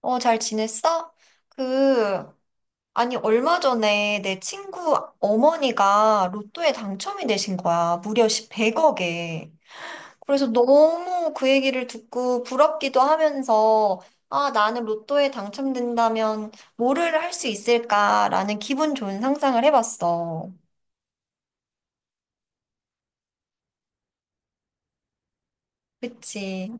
잘 지냈어? 그, 아니, 얼마 전에 내 친구 어머니가 로또에 당첨이 되신 거야. 무려 100억에. 그래서 너무 그 얘기를 듣고 부럽기도 하면서, 아, 나는 로또에 당첨된다면 뭐를 할 수 있을까라는 기분 좋은 상상을 해봤어. 그치.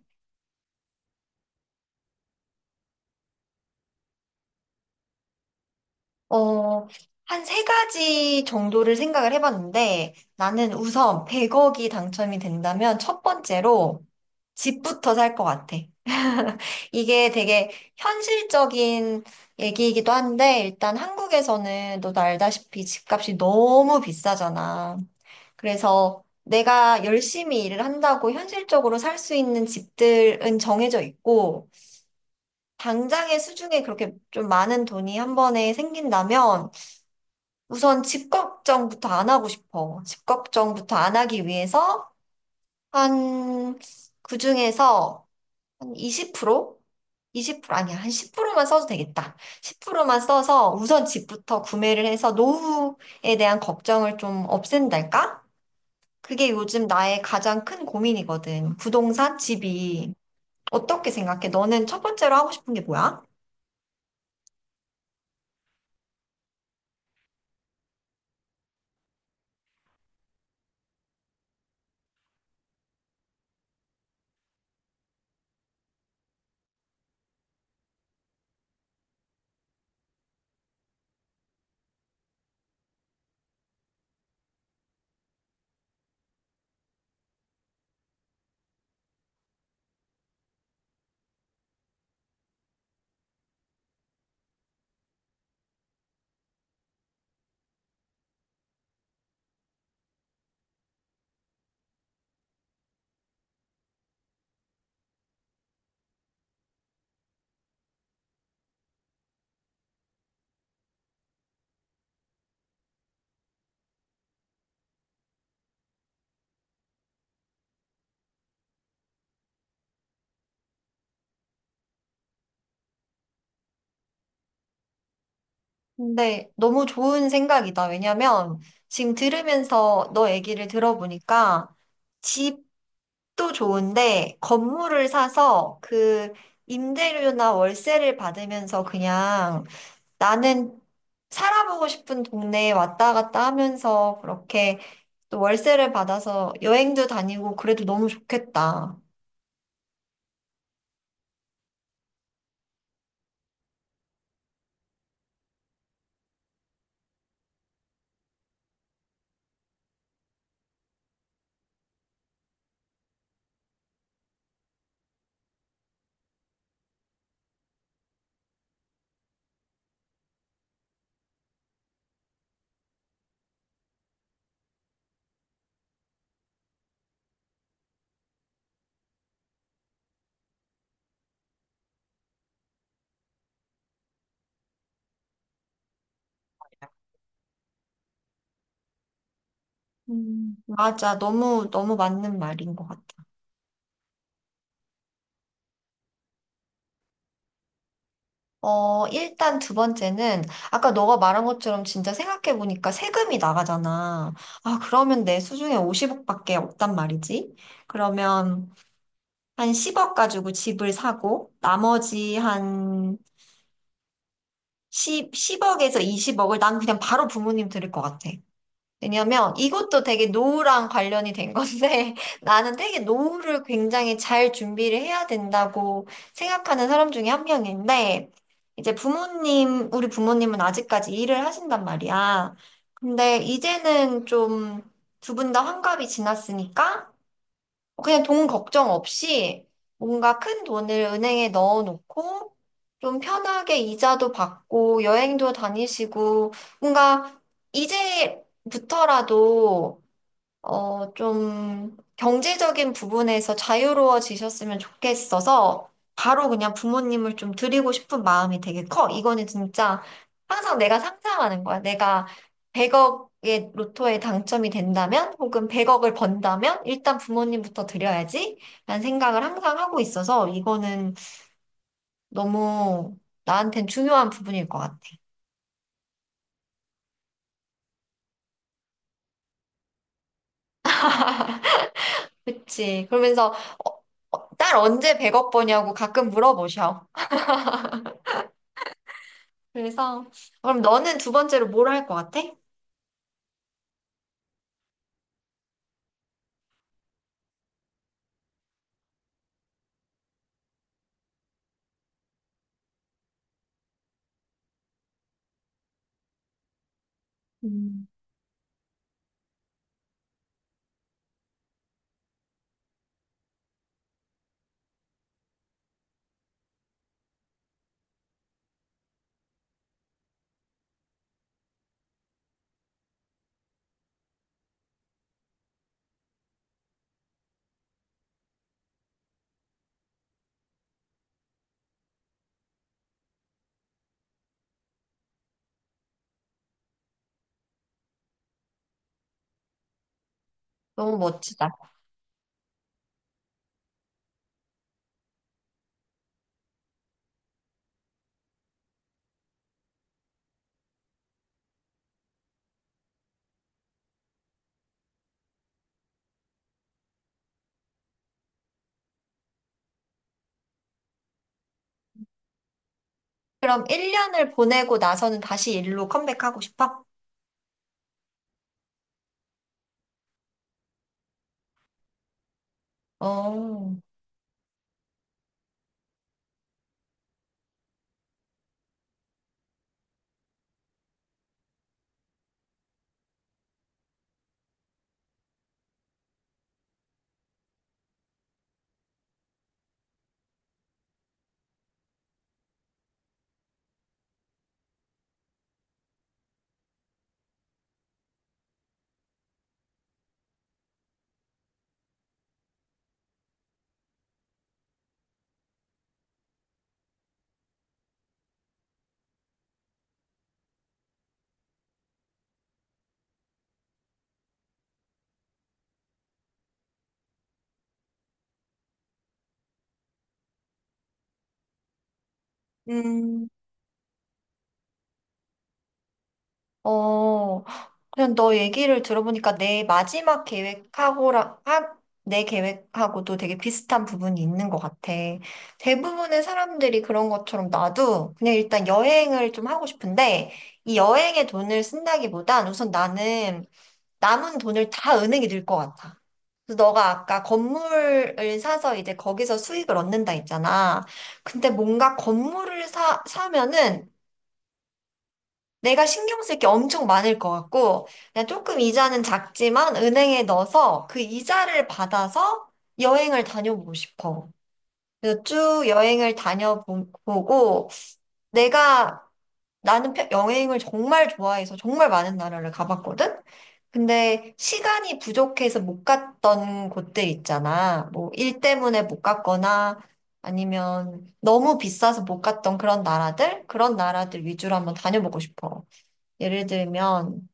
어, 한 세 가지 정도를 생각을 해봤는데, 나는 우선 100억이 당첨이 된다면 첫 번째로, 집부터 살 것 같아. 이게 되게 현실적인 얘기이기도 한데, 일단 한국에서는 너도 알다시피 집값이 너무 비싸잖아. 그래서 내가 열심히 일을 한다고 현실적으로 살 수 있는 집들은 정해져 있고, 당장의 수중에 그렇게 좀 많은 돈이 한 번에 생긴다면, 우선 집 걱정부터 안 하고 싶어. 집 걱정부터 안 하기 위해서, 한, 그 중에서 한 20%? 20% 아니야. 한 10%만 써도 되겠다. 10%만 써서 우선 집부터 구매를 해서 노후에 대한 걱정을 좀 없앤달까? 그게 요즘 나의 가장 큰 고민이거든. 부동산, 집이. 어떻게 생각해? 너는 첫 번째로 하고 싶은 게 뭐야? 근데 너무 좋은 생각이다. 왜냐면 지금 들으면서 너 얘기를 들어보니까 집도 좋은데 건물을 사서 그 임대료나 월세를 받으면서 그냥 나는 살아보고 싶은 동네에 왔다 갔다 하면서 그렇게 또 월세를 받아서 여행도 다니고 그래도 너무 좋겠다. 맞아. 너무, 너무 맞는 말인 것 같아. 일단 두 번째는 아까 너가 말한 것처럼 진짜 생각해보니까 세금이 나가잖아. 아, 그러면 내 수중에 50억밖에 없단 말이지. 그러면 한 10억 가지고 집을 사고 나머지 한 10, 억에서 20억을 난 그냥 바로 부모님 드릴 것 같아. 왜냐면 이것도 되게 노후랑 관련이 된 건데 나는 되게 노후를 굉장히 잘 준비를 해야 된다고 생각하는 사람 중에 한 명인데 이제 부모님, 우리 부모님은 아직까지 일을 하신단 말이야. 근데 이제는 좀 두 분 다 환갑이 지났으니까 그냥 돈 걱정 없이 뭔가 큰 돈을 은행에 넣어놓고 좀 편하게 이자도 받고 여행도 다니시고 뭔가 이제부터라도 좀 경제적인 부분에서 자유로워지셨으면 좋겠어서 바로 그냥 부모님을 좀 드리고 싶은 마음이 되게 커. 이거는 진짜 항상 내가 상상하는 거야. 내가 100억의 로또에 당첨이 된다면 혹은 100억을 번다면 일단 부모님부터 드려야지 라는 생각을 항상 하고 있어서 이거는 너무 나한텐 중요한 부분일 것 같아. 그치. 그러면서 어, 딸 언제 100억 버냐고 가끔 물어보셔. 그래서, 그럼 너는 두 번째로 뭘 할 것 같아? 음. 너무 멋지다. 그럼 1년을 보내고 나서는 다시 일로 컴백하고 싶어? 어, 음, 어, 그냥 너 얘기를 들어보니까 내 마지막 계획하고랑, 하, 내 계획하고도 되게 비슷한 부분이 있는 것 같아. 대부분의 사람들이 그런 것처럼 나도 그냥 일단 여행을 좀 하고 싶은데, 이 여행에 돈을 쓴다기보단 우선 나는 남은 돈을 다 은행에 넣을 것 같아. 그래서 너가 아까 건물을 사서 이제 거기서 수익을 얻는다 했잖아. 근데 뭔가 사면은 내가 신경 쓸 게 엄청 많을 것 같고, 그냥 조금 이자는 작지만 은행에 넣어서 그 이자를 받아서 여행을 다녀보고 싶어. 그래서 쭉 여행을 다녀보고, 내가 나는 여행을 정말 좋아해서 정말 많은 나라를 가봤거든? 근데 시간이 부족해서 못 갔던 곳들 있잖아. 뭐 일 때문에 못 갔거나 아니면 너무 비싸서 못 갔던 그런 나라들? 그런 나라들 위주로 한번 다녀보고 싶어. 예를 들면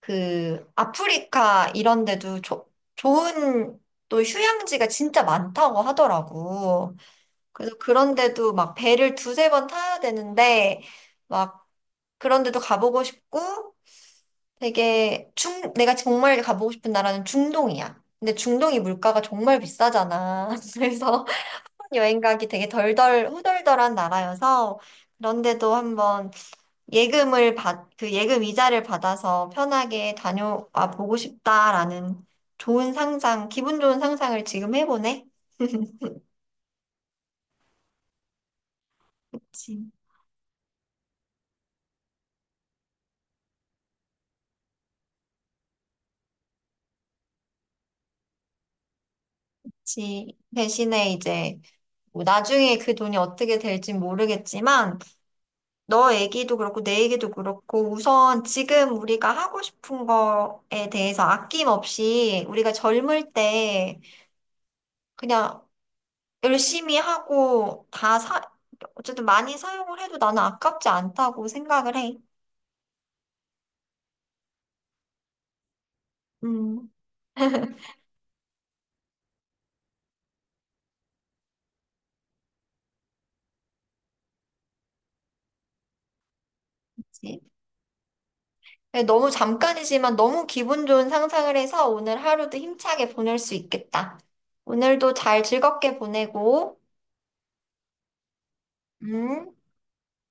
그 아프리카 이런 데도 좋은 또 휴양지가 진짜 많다고 하더라고. 그래서 그런데도 막 배를 두세 번 타야 되는데 그런 데도 가보고 싶고 내가 정말 가보고 싶은 나라는 중동이야. 근데 중동이 물가가 정말 비싸잖아. 그래서 여행 가기 되게 덜덜 후덜덜한 나라여서 그런데도 한번 그 예금 이자를 받아서 편하게 다녀와 보고 싶다라는 좋은 기분 좋은 상상을 지금 해보네. 그치. 그치. 대신에 이제 뭐 나중에 그 돈이 어떻게 될진 모르겠지만 너 얘기도 그렇고 내 얘기도 그렇고 우선 지금 우리가 하고 싶은 거에 대해서 아낌없이 우리가 젊을 때 그냥 열심히 하고 어쨌든 많이 사용을 해도 나는 아깝지 않다고 생각을 해. 음, 그치. 네, 너무 잠깐이지만 너무 기분 좋은 상상을 해서 오늘 하루도 힘차게 보낼 수 있겠다. 오늘도 잘 즐겁게 보내고, 음.